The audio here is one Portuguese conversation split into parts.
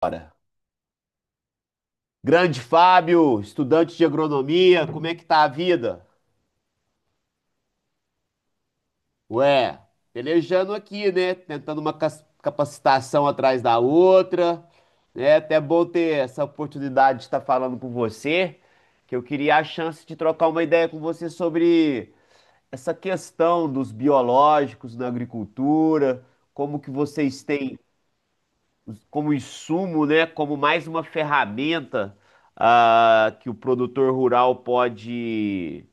Bora. Grande Fábio, estudante de agronomia, como é que tá a vida? Ué, pelejando aqui, né? Tentando uma capacitação atrás da outra. É até bom ter essa oportunidade de estar falando com você, que eu queria a chance de trocar uma ideia com você sobre essa questão dos biológicos na agricultura, como que vocês têm como insumo, né? Como mais uma ferramenta que o produtor rural pode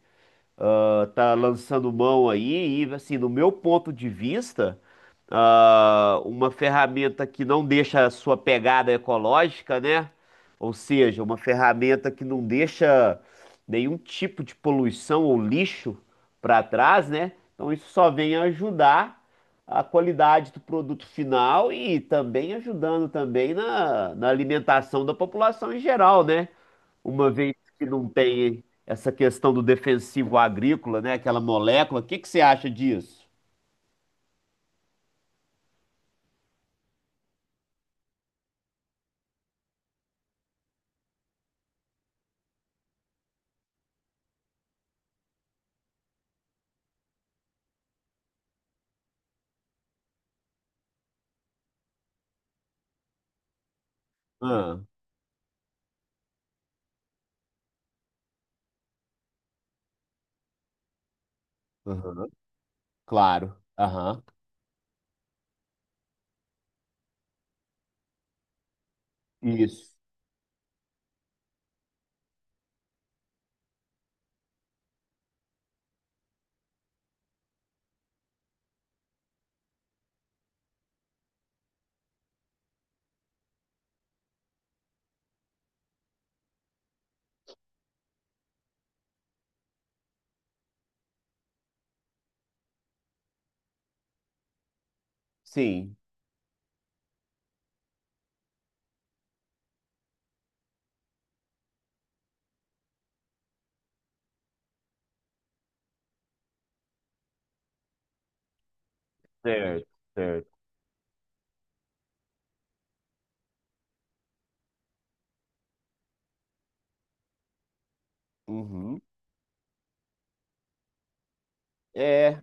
tá lançando mão aí. E assim, no meu ponto de vista, uma ferramenta que não deixa a sua pegada ecológica, né? Ou seja, uma ferramenta que não deixa nenhum tipo de poluição ou lixo para trás, né? Então isso só vem ajudar a qualidade do produto final e também ajudando também na alimentação da população em geral, né? Uma vez que não tem essa questão do defensivo agrícola, né? Aquela molécula. O que que você acha disso? Ah, aham, claro. Aham. Isso. Sim. Certo, certo. Uhum. É,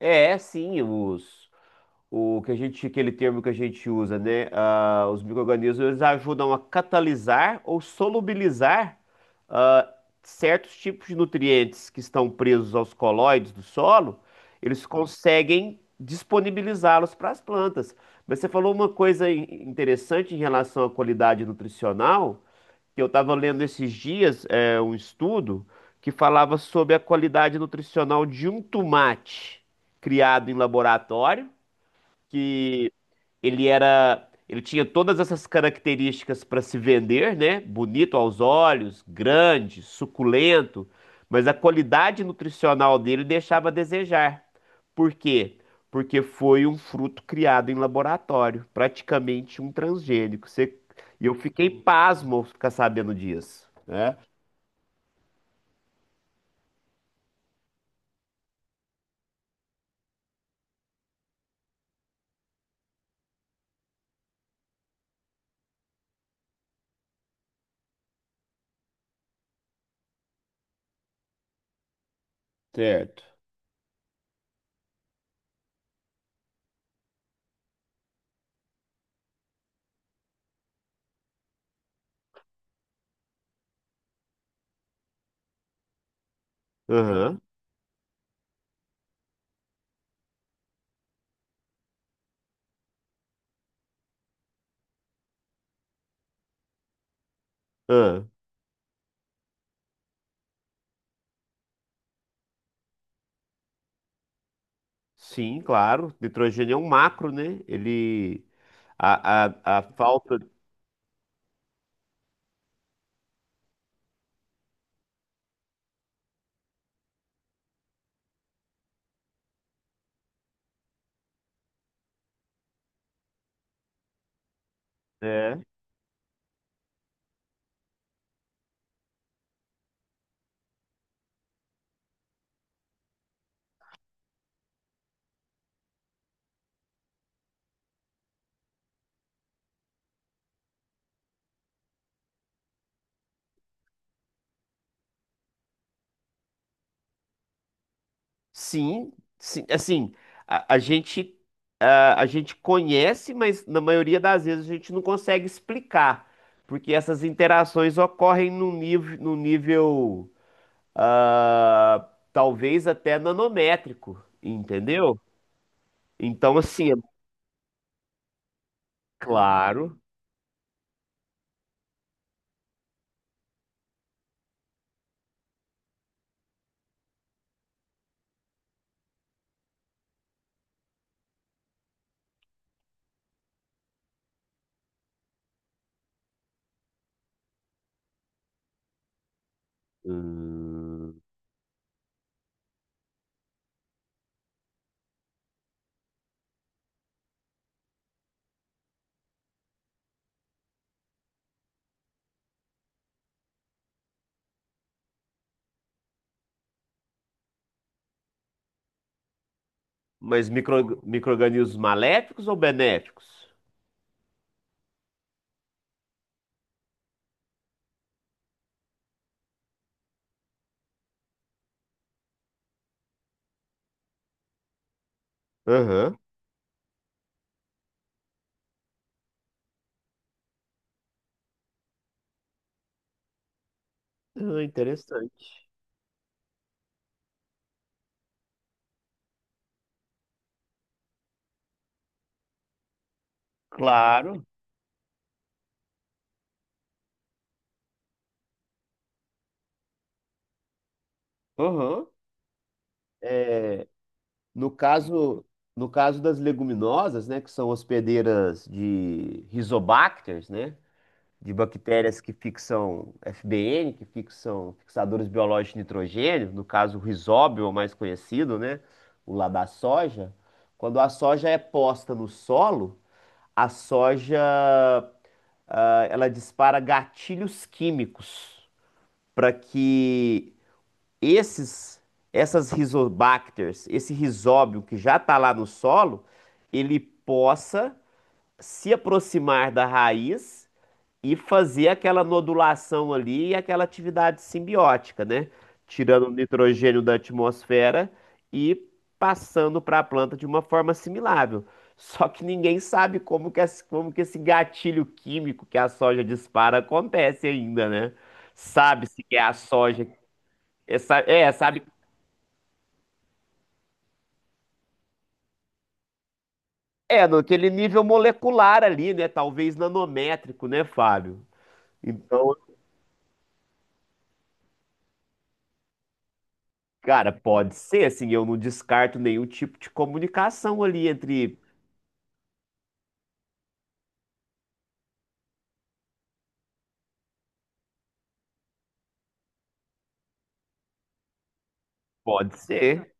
é, sim, o que a gente, aquele termo que a gente usa, né? Ah, os micro-organismos eles ajudam a catalisar ou solubilizar ah, certos tipos de nutrientes que estão presos aos colóides do solo, eles conseguem disponibilizá-los para as plantas. Mas você falou uma coisa interessante em relação à qualidade nutricional, que eu estava lendo esses dias, é, um estudo que falava sobre a qualidade nutricional de um tomate criado em laboratório, que ele tinha todas essas características para se vender, né? Bonito aos olhos, grande, suculento, mas a qualidade nutricional dele deixava a desejar. Por quê? Porque foi um fruto criado em laboratório, praticamente um transgênico. Você- E eu fiquei pasmo ao ficar sabendo disso, né? Certo. Aham. ah, Sim, claro. Nitrogênio é um macro, né? Ele. A falta. É. Sim, sim, assim, a gente a gente conhece, mas na maioria das vezes a gente não consegue explicar, porque essas interações ocorrem no nível talvez até nanométrico, entendeu? Então, assim, é claro. Hum. Mas micro-organismos maléficos ou benéficos? Aham. Ah, interessante. Claro. Aham. É. No caso, no caso das leguminosas, né, que são hospedeiras de rizobacters, né, de bactérias que fixam FBN, que fixam fixadores biológicos de nitrogênio, no caso o rizóbio, o mais conhecido, né, o lá da soja, quando a soja é posta no solo, a soja, ela dispara gatilhos químicos para que esses, essas rizobacters, esse rizóbio que já está lá no solo, ele possa se aproximar da raiz e fazer aquela nodulação ali e aquela atividade simbiótica, né? Tirando o nitrogênio da atmosfera e passando para a planta de uma forma assimilável. Só que ninguém sabe como que esse gatilho químico que a soja dispara acontece ainda, né? Sabe-se que é a soja. É, é, sabe, é, naquele nível molecular ali, né? Talvez nanométrico, né, Fábio? Então, cara, pode ser, assim, eu não descarto nenhum tipo de comunicação ali entre. Pode ser,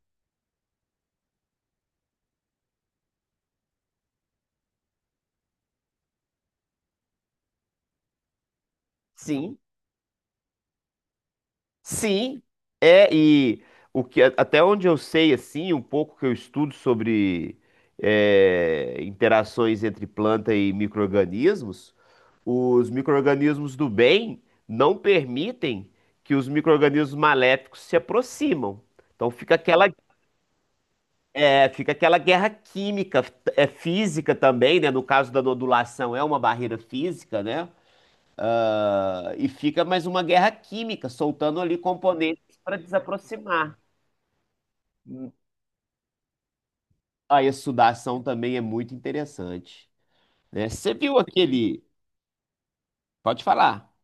sim. Sim, é, e o que, a- até onde eu sei, assim, um pouco que eu estudo sobre é, interações entre planta e micro-organismos, os micro-organismos do bem não permitem que os micro-organismos maléficos se aproximam. Então fica aquela, é, fica aquela guerra química, é física também, né? No caso da nodulação, é uma barreira física, né? Ah, e fica mais uma guerra química, soltando ali componentes para desaproximar. Ah, e a sudação também é muito interessante, né? Você viu aquele... Pode falar.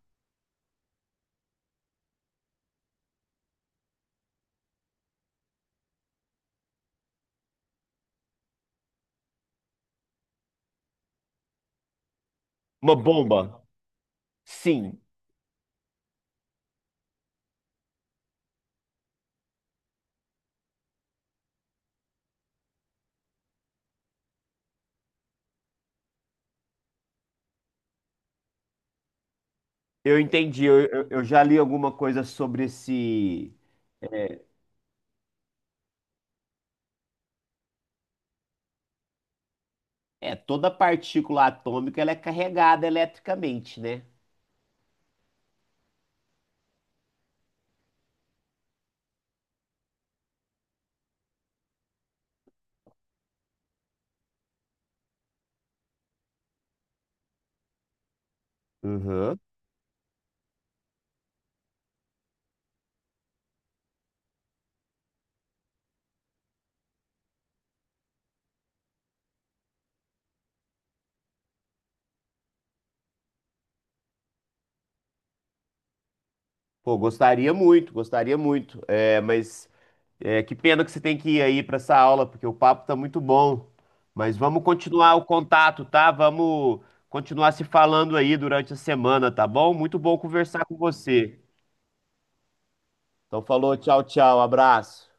Uma bomba. Sim, eu entendi. Eu já li alguma coisa sobre esse... É, toda partícula atômica ela é carregada eletricamente, né? Uhum. Pô, gostaria muito, gostaria muito. É, mas é, que pena que você tem que ir aí para essa aula, porque o papo tá muito bom. Mas vamos continuar o contato, tá? Vamos continuar se falando aí durante a semana, tá bom? Muito bom conversar com você. Então falou, tchau, tchau, abraço.